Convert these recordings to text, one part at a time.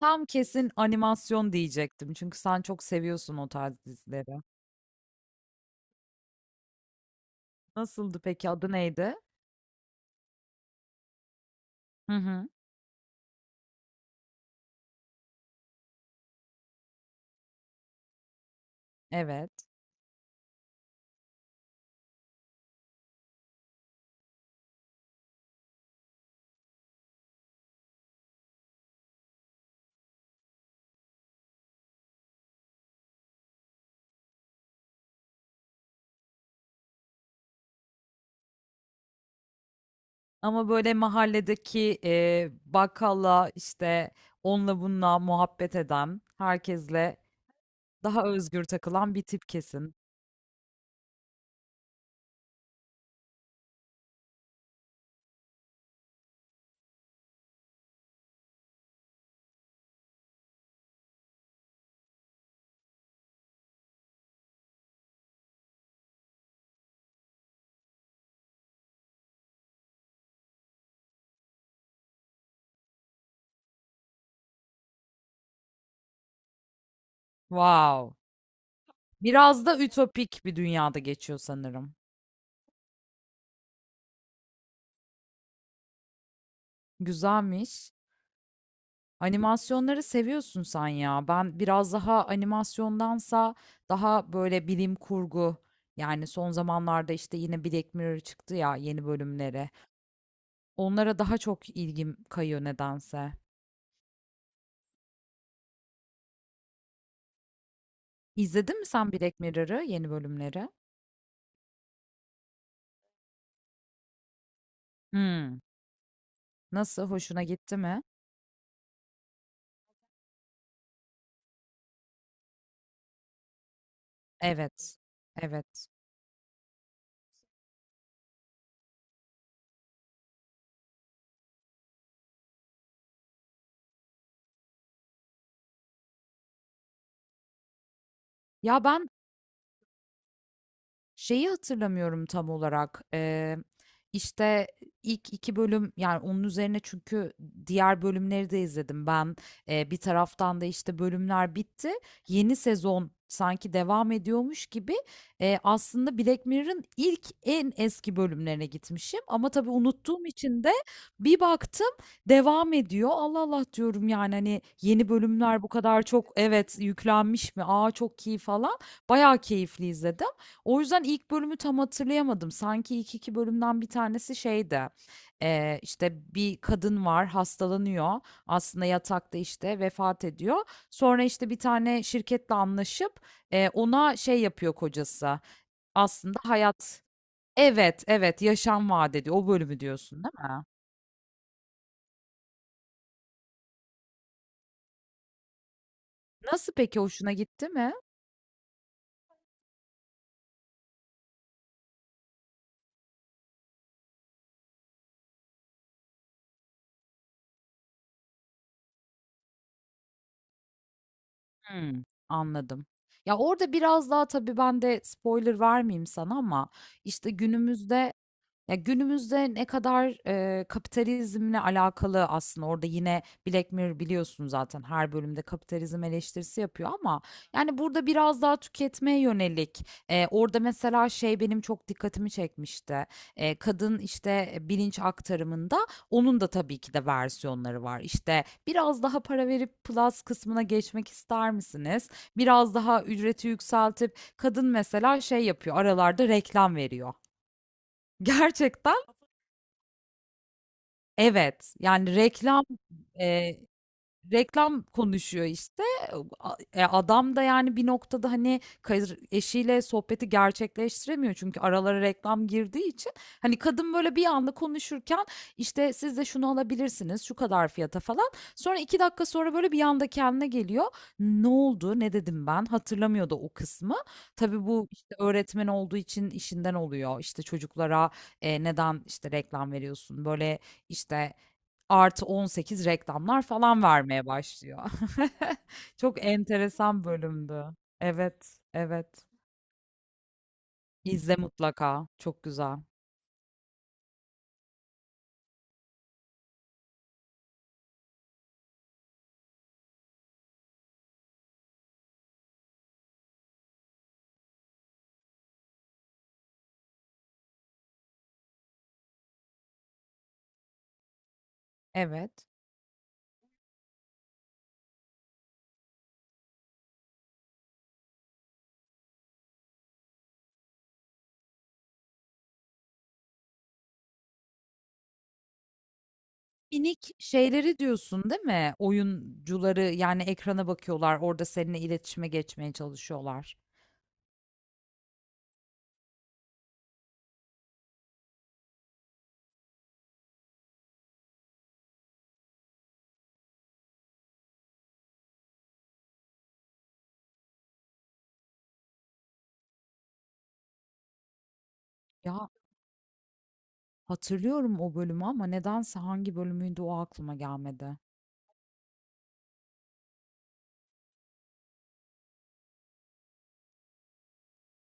Tam kesin animasyon diyecektim çünkü sen çok seviyorsun o tarz dizileri. Nasıldı peki, adı neydi? Hı hı. Evet. Ama böyle mahalledeki bakkalla işte onunla bununla muhabbet eden, herkesle daha özgür takılan bir tip kesin. Wow. Biraz da ütopik bir dünyada geçiyor sanırım. Güzelmiş. Animasyonları seviyorsun sen ya. Ben biraz daha animasyondansa daha böyle bilim kurgu, yani son zamanlarda işte yine Black Mirror çıktı ya, yeni bölümleri. Onlara daha çok ilgim kayıyor nedense. İzledin mi sen Black Mirror'ı yeni bölümleri? Hmm. Nasıl hoşuna gitti mi? Evet. Evet. Ya ben Şeyi hatırlamıyorum tam olarak. İşte ilk 2 bölüm yani onun üzerine çünkü diğer bölümleri de izledim ben. Bir taraftan da işte bölümler bitti. Yeni sezon sanki devam ediyormuş gibi. Aslında Black Mirror'ın ilk en eski bölümlerine gitmişim. Ama tabii unuttuğum için de bir baktım devam ediyor. Allah Allah diyorum yani hani yeni bölümler bu kadar çok evet yüklenmiş mi? Aa, çok iyi falan. Bayağı keyifli izledim. O yüzden ilk bölümü tam hatırlayamadım. Sanki ilk 2 bölümden bir tanesi şeydi, işte, bir kadın var, hastalanıyor. Aslında yatakta, işte, vefat ediyor. Sonra, işte, bir tane şirketle anlaşıp, ona şey yapıyor kocası, aslında hayat. Evet, evet, yaşam vaat ediyor. O bölümü diyorsun, değil mi? Nasıl peki, hoşuna gitti mi? Hımm, anladım. Ya, orada biraz daha tabii ben de spoiler vermeyeyim sana ama, işte, günümüzde. Ya günümüzde ne kadar kapitalizmle alakalı aslında orada yine Black Mirror biliyorsun zaten her bölümde kapitalizm eleştirisi yapıyor ama yani burada biraz daha tüketmeye yönelik orada mesela şey benim çok dikkatimi çekmişti. Kadın işte bilinç aktarımında onun da tabii ki de versiyonları var işte biraz daha para verip plus kısmına geçmek ister misiniz? Biraz daha ücreti yükseltip kadın mesela şey yapıyor aralarda reklam veriyor. Gerçekten. Evet, yani eee, reklam konuşuyor işte. Adam da yani bir noktada, hani, eşiyle sohbeti gerçekleştiremiyor çünkü aralara reklam girdiği için. Hani, kadın böyle bir anda konuşurken, işte, "Siz de şunu alabilirsiniz, şu kadar fiyata." falan. Sonra 2 dakika sonra böyle bir anda kendine geliyor. "Ne oldu, ne dedim ben?" Hatırlamıyor da o kısmı. Tabii bu, işte, öğretmen olduğu için işinden oluyor. İşte, çocuklara, "Neden, işte, reklam veriyorsun?" Böyle, işte, +18 reklamlar falan vermeye başlıyor. Çok enteresan bölümdü. Evet, evet. İzle mutlaka. Çok güzel. Evet. Minik şeyleri diyorsun, değil mi? Oyuncuları yani ekrana bakıyorlar, orada seninle iletişime geçmeye çalışıyorlar. Ya, hatırlıyorum o bölümü ama nedense hangi bölümüydü o aklıma gelmedi.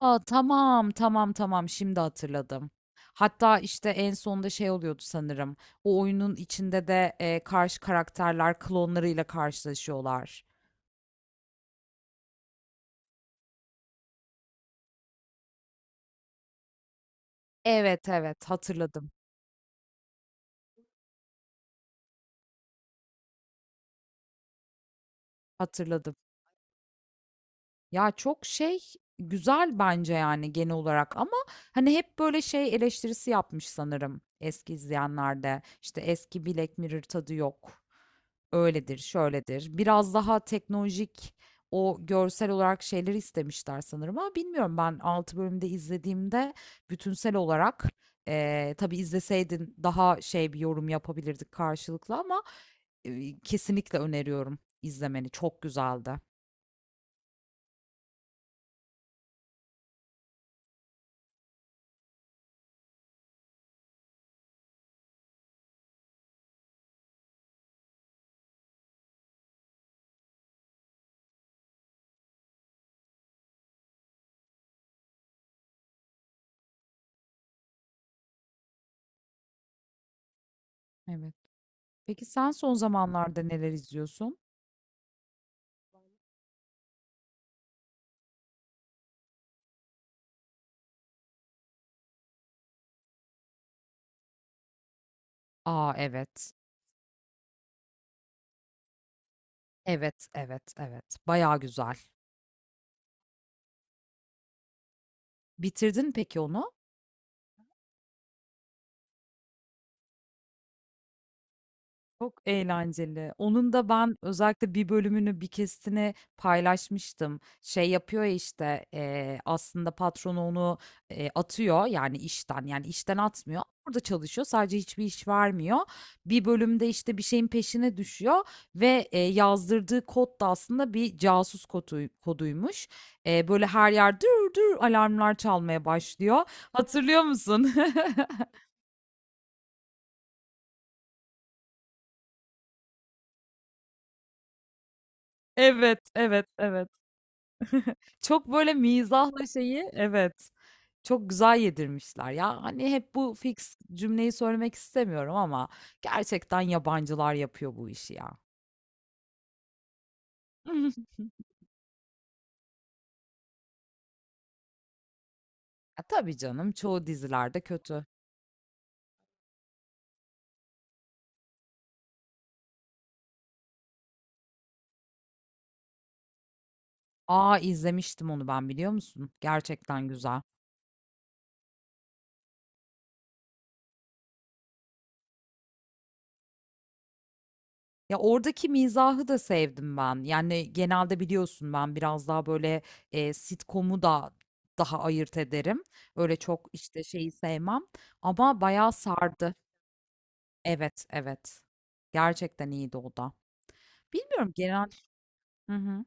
Aa, tamam, tamam, tamam, şimdi hatırladım. Hatta işte en sonunda şey oluyordu sanırım. O oyunun içinde de karşı karakterler klonlarıyla karşılaşıyorlar. Evet, evet, hatırladım, hatırladım. Ya, çok şey güzel bence yani genel olarak ama hani hep böyle şey eleştirisi yapmış sanırım eski izleyenlerde. İşte eski Black Mirror tadı yok. Öyledir, şöyledir. Biraz daha teknolojik o görsel olarak şeyleri istemişler sanırım ama bilmiyorum ben 6 bölümde izlediğimde bütünsel olarak tabii izleseydin daha şey bir yorum yapabilirdik karşılıklı ama kesinlikle öneriyorum izlemeni. Çok güzeldi. Evet. Peki sen son zamanlarda neler izliyorsun? Aa, evet. Evet, evet, evet. Bayağı güzel. Bitirdin peki onu? Çok eğlenceli. Onun da ben özellikle bir bölümünü bir kesitini paylaşmıştım. Şey yapıyor ya işte aslında patronu onu atıyor yani işten yani işten atmıyor. Orada çalışıyor sadece hiçbir iş vermiyor. Bir bölümde işte bir şeyin peşine düşüyor ve yazdırdığı kod da aslında bir casus kodu, koduymuş. Böyle her yer dur dur alarmlar çalmaya başlıyor. Hatırlıyor musun? Evet, evet, evet. Çok böyle mizahla şeyi evet, çok güzel yedirmişler. Ya, hani, hep bu fix cümleyi söylemek istemiyorum ama gerçekten yabancılar yapıyor bu işi ya. E, tabii canım, çoğu dizilerde kötü. A! İzlemiştim onu ben, biliyor musun? Gerçekten güzel. Ya, oradaki mizahı da sevdim ben. Yani, genelde biliyorsun ben biraz daha böyle, sitcom'u da daha ayırt ederim. Öyle çok, işte, şeyi sevmem ama bayağı sardı. Evet, evet. Gerçekten iyiydi o da. Bilmiyorum genel. Hı hı.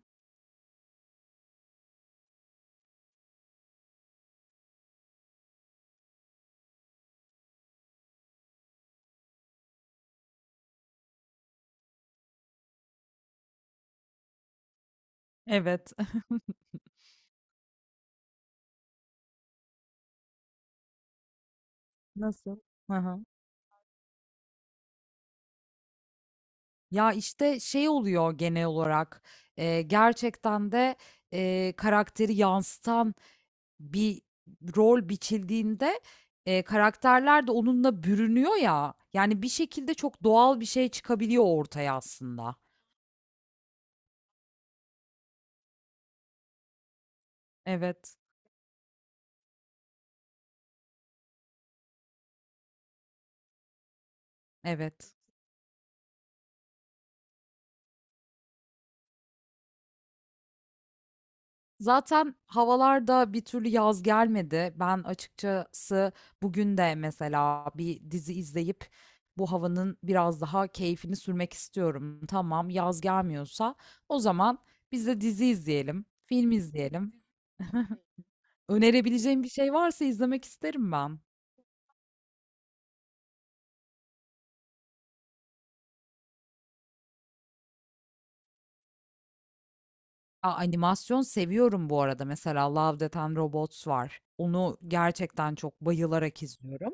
Evet. Nasıl? Hı hı. Ya, işte, şey oluyor genel olarak, gerçekten de, karakteri yansıtan bir rol biçildiğinde, karakterler de onunla bürünüyor ya, yani, bir şekilde çok doğal bir şey çıkabiliyor ortaya aslında. Evet, evet. Zaten havalarda bir türlü yaz gelmedi. Ben açıkçası bugün de mesela bir dizi izleyip bu havanın biraz daha keyfini sürmek istiyorum. Tamam, yaz gelmiyorsa o zaman biz de dizi izleyelim, film izleyelim. Önerebileceğim bir şey varsa izlemek isterim ben. Aa, animasyon seviyorum bu arada. Mesela Love, Death and Robots var. Onu gerçekten çok bayılarak izliyorum.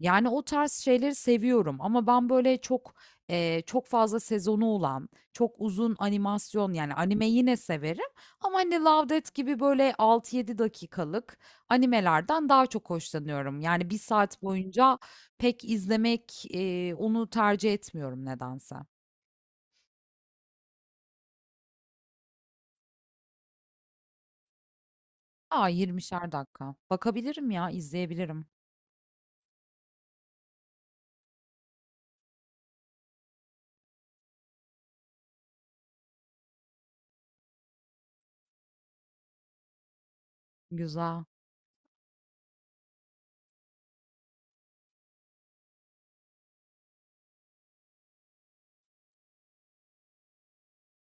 Yani o tarz şeyleri seviyorum ama ben böyle çok, çok fazla sezonu olan, çok uzun animasyon yani anime yine severim ama hani Love Death gibi böyle 6 yedi dakikalık animelerden daha çok hoşlanıyorum. Yani bir saat boyunca pek izlemek, onu tercih etmiyorum nedense. Aa, 20'şer dakika. Bakabilirim ya, izleyebilirim. Güzel.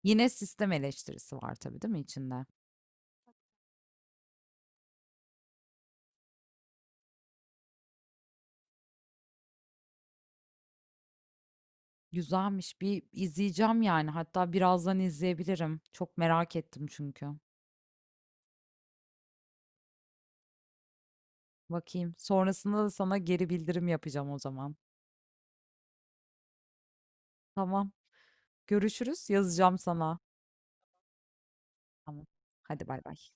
Yine sistem eleştirisi var tabii değil mi içinde? Güzelmiş. Bir izleyeceğim yani. Hatta birazdan izleyebilirim. Çok merak ettim çünkü. Bakayım. Sonrasında da sana geri bildirim yapacağım o zaman. Tamam. Görüşürüz. Yazacağım sana. Tamam. Hadi bay bay.